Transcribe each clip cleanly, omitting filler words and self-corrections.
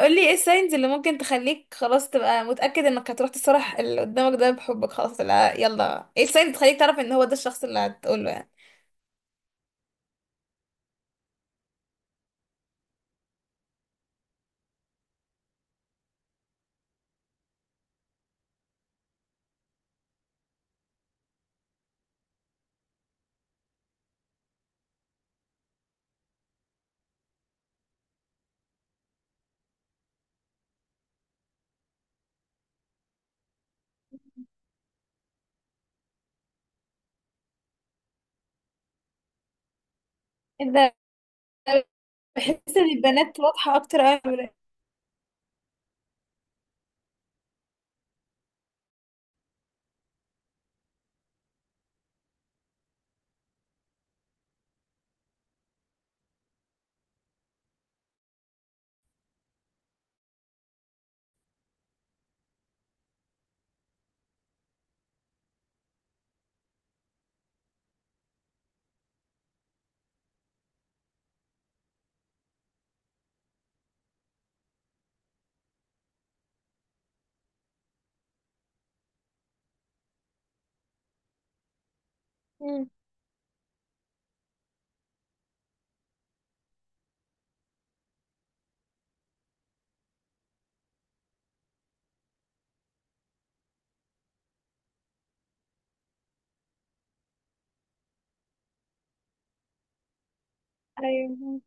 قولي ايه الساينز اللي ممكن تخليك خلاص تبقى متأكد انك هتروح تصرح اللي قدامك ده بحبك؟ خلاص، لا، يلا ايه الساينز اللي تخليك تعرف ان هو ده الشخص اللي هتقوله يعني؟ ده بحس ان البنات واضحة اكتر قوي. مم. ايوه،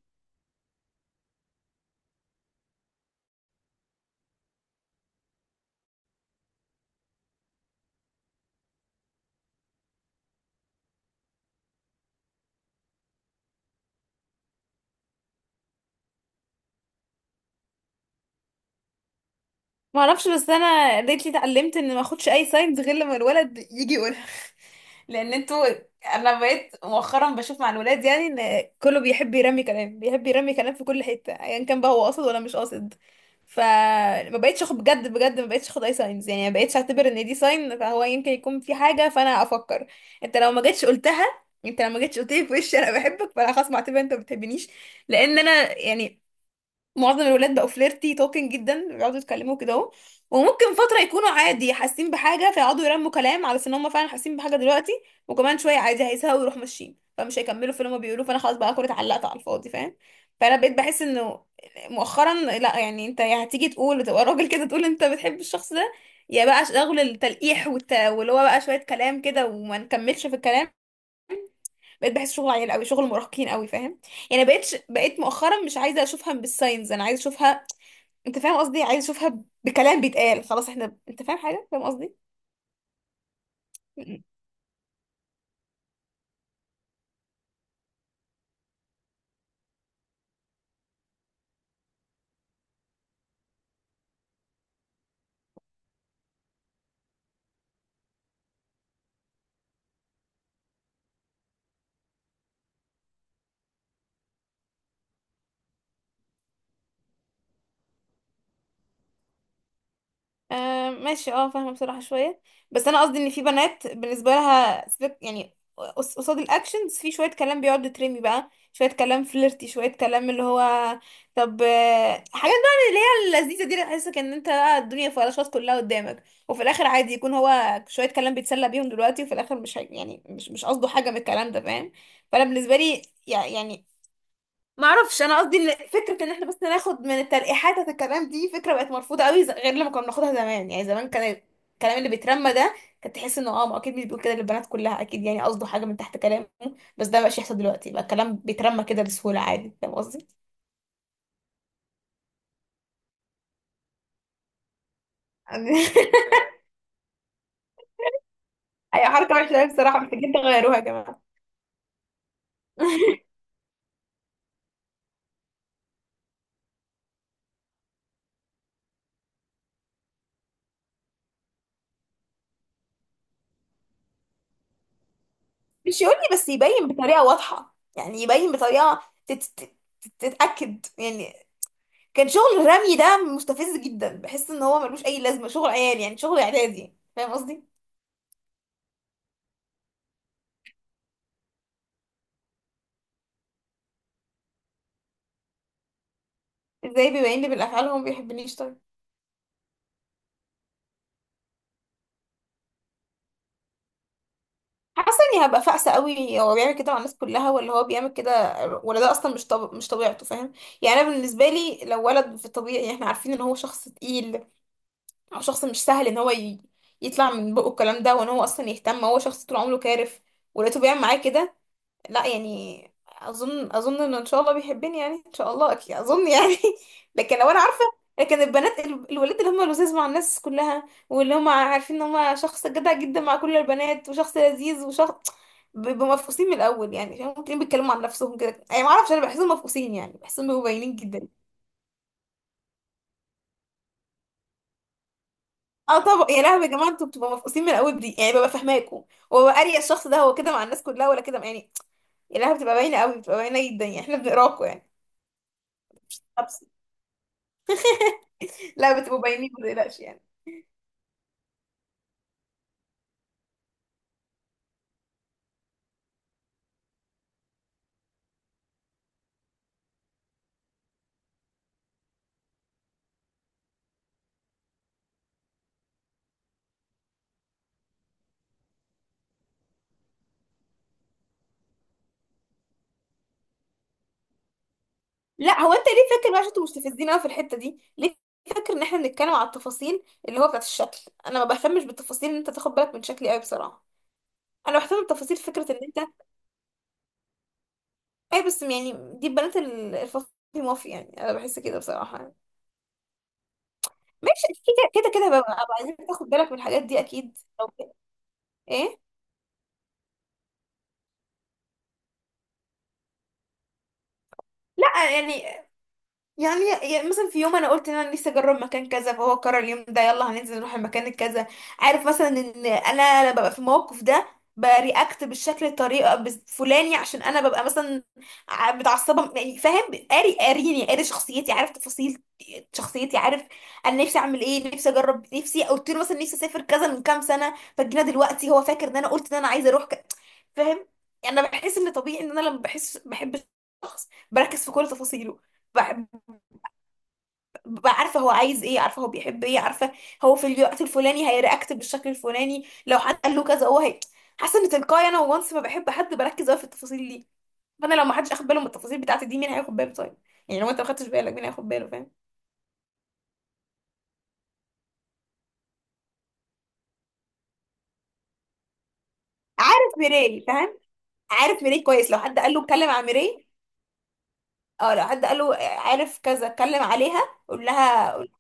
ما اعرفش، بس انا ريتلي اتعلمت ان ما اخدش اي ساينز غير لما الولد يجي يقولها. لان انتوا، انا بقيت مؤخرا بشوف مع الولاد يعني ان كله بيحب يرمي كلام، بيحب يرمي كلام في كل حته ايا كان بقى هو قاصد ولا مش قاصد. فما بقتش اخد بجد بجد، ما بقتش اخد اي ساينز، يعني ما بقتش اعتبر ان دي ساين فهو يمكن يكون في حاجه. فانا افكر، انت لو ما جيتش قلتها، انت لو ما جيتش قلت لي في وشي انا بحبك، فانا خلاص معتبر انت ما بتحبنيش. لان انا يعني معظم الولاد بقوا فليرتي توكينج جدا، بيقعدوا يتكلموا كده اهو، وممكن فتره يكونوا عادي حاسين بحاجه فيقعدوا يرموا كلام على ان هم فعلا حاسين بحاجه دلوقتي، وكمان شويه عادي هيزهقوا ويروحوا ماشيين، فمش هيكملوا في اللي هم بيقولوه فانا خلاص بقى أكون اتعلقت على الفاضي، فاهم؟ فانا بقيت بحس انه مؤخرا لا يعني، انت يا هتيجي تقول وتبقى راجل كده تقول انت بتحب الشخص ده، يا بقى شغل التلقيح واللي هو بقى شويه كلام كده وما نكملش في الكلام. بقيت بحس شغل عيال قوي، شغل مراهقين قوي، فاهم؟ يعني بقيت مؤخرا مش عايزه اشوفها بالساينز، انا عايزه اشوفها، انت فاهم قصدي؟ عايزه اشوفها بكلام بيتقال خلاص، احنا انت فاهم حاجه، فاهم قصدي؟ آه ماشي، اه فاهمة بصراحة شوية. بس انا قصدي ان في بنات بالنسبة لها سبيك يعني قصاد الاكشنز في شوية كلام بيقعد يترمي بقى، شوية كلام فليرتي، شوية كلام اللي هو طب حاجات بقى اللي هي اللذيذة دي، اللي تحسك ان انت بقى الدنيا فلاشات كلها قدامك، وفي الاخر عادي يكون هو شوية كلام بيتسلى بيهم دلوقتي، وفي الاخر مش هي- يعني مش قصده حاجة من الكلام ده، فاهم؟ فانا بالنسبة لي يعني ما اعرفش، انا قصدي إن فكره ان احنا بس ناخد من التلقيحات بتاعت الكلام دي، فكره بقت مرفوضه قوي، غير لما كنا بناخدها زمان. يعني زمان كان الكلام اللي بيترمى ده كنت تحس انه اه ما اكيد مش بيقول كده للبنات كلها، اكيد يعني قصده حاجه من تحت كلامه، بس ده مبقاش يحصل دلوقتي، بقى الكلام بيترمى كده بسهوله عادي، فاهم قصدي؟ يعني اي حركه وحشه أوي بصراحه، محتاجين تغيروها يا جماعه. مش يقول لي بس، يبين بطريقه واضحه، يعني يبين بطريقه تت... تت... تتاكد يعني. كان شغل الرمي ده مستفز جدا، بحس ان هو ملوش اي لازمه، شغل عيال، يعني شغل اعدادي، فاهم قصدي؟ ازاي بيبين لي بالافعال هو ما بيحبنيش طيب؟ حاسه اني هبقى فاقسه قوي، هو بيعمل كده مع الناس كلها ولا هو بيعمل كده، ولا ده اصلا مش طبيعته، فاهم؟ يعني انا بالنسبه لي لو ولد في الطبيعي احنا عارفين ان هو شخص تقيل، او شخص مش سهل ان هو يطلع من بقه الكلام ده، وان هو اصلا يهتم، هو شخص طول عمره كارف ولقيته بيعمل معايا كده، لا يعني اظن، اظن انه ان شاء الله بيحبني، يعني ان شاء الله اكيد اظن يعني. لكن لو انا عارفه، لكن البنات الولاد اللي هم لذاذ مع الناس كلها، واللي هم عارفين ان هم شخص جدع جدا مع كل البنات وشخص لذيذ وشخص بيبقوا مفقوسين من الاول، يعني فاهم؟ ممكن بيتكلموا عن نفسهم كده يعني ما اعرفش، انا بحسهم مفقوسين يعني، بحسهم بيبقوا باينين جدا. اه طبعا يا لهوي يا جماعه، انتوا بتبقوا مفقوسين من الاول دي، يعني ببقى فاهماكوا وببقى اريا الشخص ده هو كده مع الناس كلها ولا كده يعني. يا لهوي بتبقى باينه قوي، بتبقى باينه جدا، يعني احنا بنقراكوا يعني. لا بتبقوا باينين ما تقلقش يعني. لا هو انت ليه فاكر بقى؟ عشان انتوا مستفزين قوي في الحته دي ليه؟ فاكر ان احنا بنتكلم على التفاصيل اللي هو بتاعت الشكل، انا ما بهتمش بالتفاصيل ان انت تاخد بالك من شكلي قوي بصراحه، انا بهتم بتفاصيل فكره ان انت اي بس يعني دي بنات الفصل مافي، يعني انا بحس كده بصراحه يعني. ماشي كده كده كده، ببقى عايزين تاخد بالك من الحاجات دي اكيد أو كده. ايه؟ لا يعني، يعني يعني مثلا في يوم انا قلت ان انا نفسي اجرب مكان كذا، فهو قرر اليوم ده يلا هننزل نروح المكان الكذا. عارف مثلا ان انا ببقى في الموقف ده برياكت بالشكل الطريقه الفلاني عشان انا ببقى مثلا متعصبه، يعني فاهم؟ قاري، قاريني، قاري شخصيتي، عارف تفاصيل شخصيتي، عارف انا نفسي اعمل ايه، نفسي اجرب، نفسي قلت له مثلا نفسي اسافر كذا من كام سنه فجينا دلوقتي هو فاكر ان انا قلت ان انا عايزه اروح فاهم؟ يعني انا بحس ان طبيعي ان انا لما بحس بحب شخص بركز في كل تفاصيله، ببقى عارفه هو عايز ايه، عارفه هو بيحب ايه، عارفه هو في الوقت الفلاني هيرياكت بالشكل الفلاني لو حد قال له كذا، هو هي حاسه ان تلقائي انا وانس ما بحب حد بركز قوي في التفاصيل دي، فانا لو ما حدش اخد باله من التفاصيل بتاعتي دي مين هياخد باله طيب؟ يعني لو انت ما خدتش بالك مين هياخد باله، فاهم؟ عارف ميراي، فاهم عارف ميراي كويس، لو حد قال له اتكلم عن ميراي، اه لو حد قال له عارف كذا، اتكلم عليها، قول لها، قول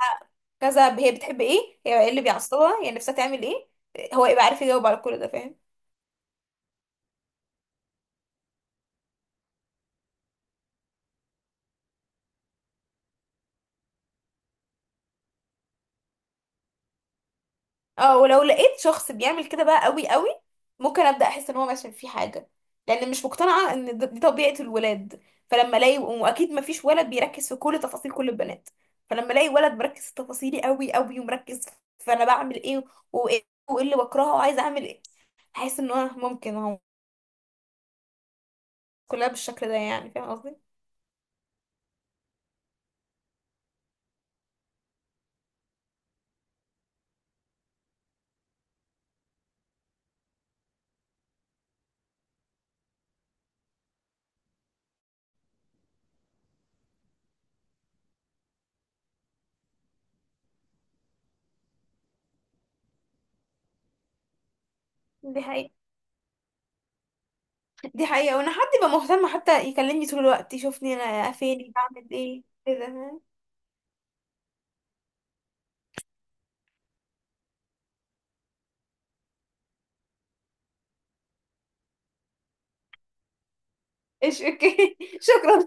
كذا، هي بتحب ايه، هي ايه اللي بيعصبها، هي نفسها تعمل ايه، هو يبقى عارف يجاوب على كل ده، فاهم؟ اه ولو لقيت شخص بيعمل كده بقى قوي قوي ممكن ابدا احس ان هو مثلا في حاجه، لان مش مقتنعه ان دي طبيعه الولاد، فلما الاقي واكيد ما فيش ولد بيركز في كل تفاصيل كل البنات، فلما الاقي ولد مركز في تفاصيلي قوي قوي ومركز في انا بعمل ايه، وايه وايه اللي بكرهه وعايزه اعمل ايه، هحس ان هو ممكن هو كلها بالشكل ده يعني، فاهم قصدي؟ دي حقيقة، دي حقيقه. وانا حد يبقى مهتم حتى يكلمني طول الوقت، يشوفني انا فين، بعمل ايه كده، ها؟ ايش اوكي شكرا.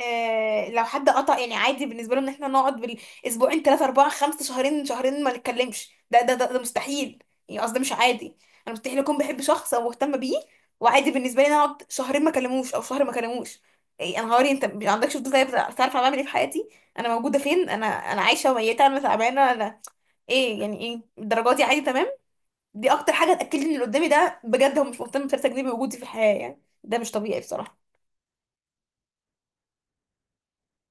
لو حد قطع يعني عادي بالنسبه له ان احنا نقعد بالاسبوعين، 3 4 5 شهرين شهرين ما نتكلمش، ده ده مستحيل يعني. قصدي مش عادي، انا مستحيل اكون بحب شخص او مهتمه بيه وعادي بالنسبه لي إن أنا اقعد شهرين ما اكلموش او شهر ما اكلموش. إيه؟ انا هوري انت ما عندكش فضول طيب تعرف انا بعمل ايه في حياتي، انا موجوده فين، انا انا عايشه وميته، انا تعبانه، انا ايه، يعني ايه الدرجات دي عادي، تمام. دي اكتر حاجه تاكد لي ان اللي قدامي ده بجد هو مش مهتم ب3 جنيه بوجودي في الحياه، يعني ده مش طبيعي بصراحه.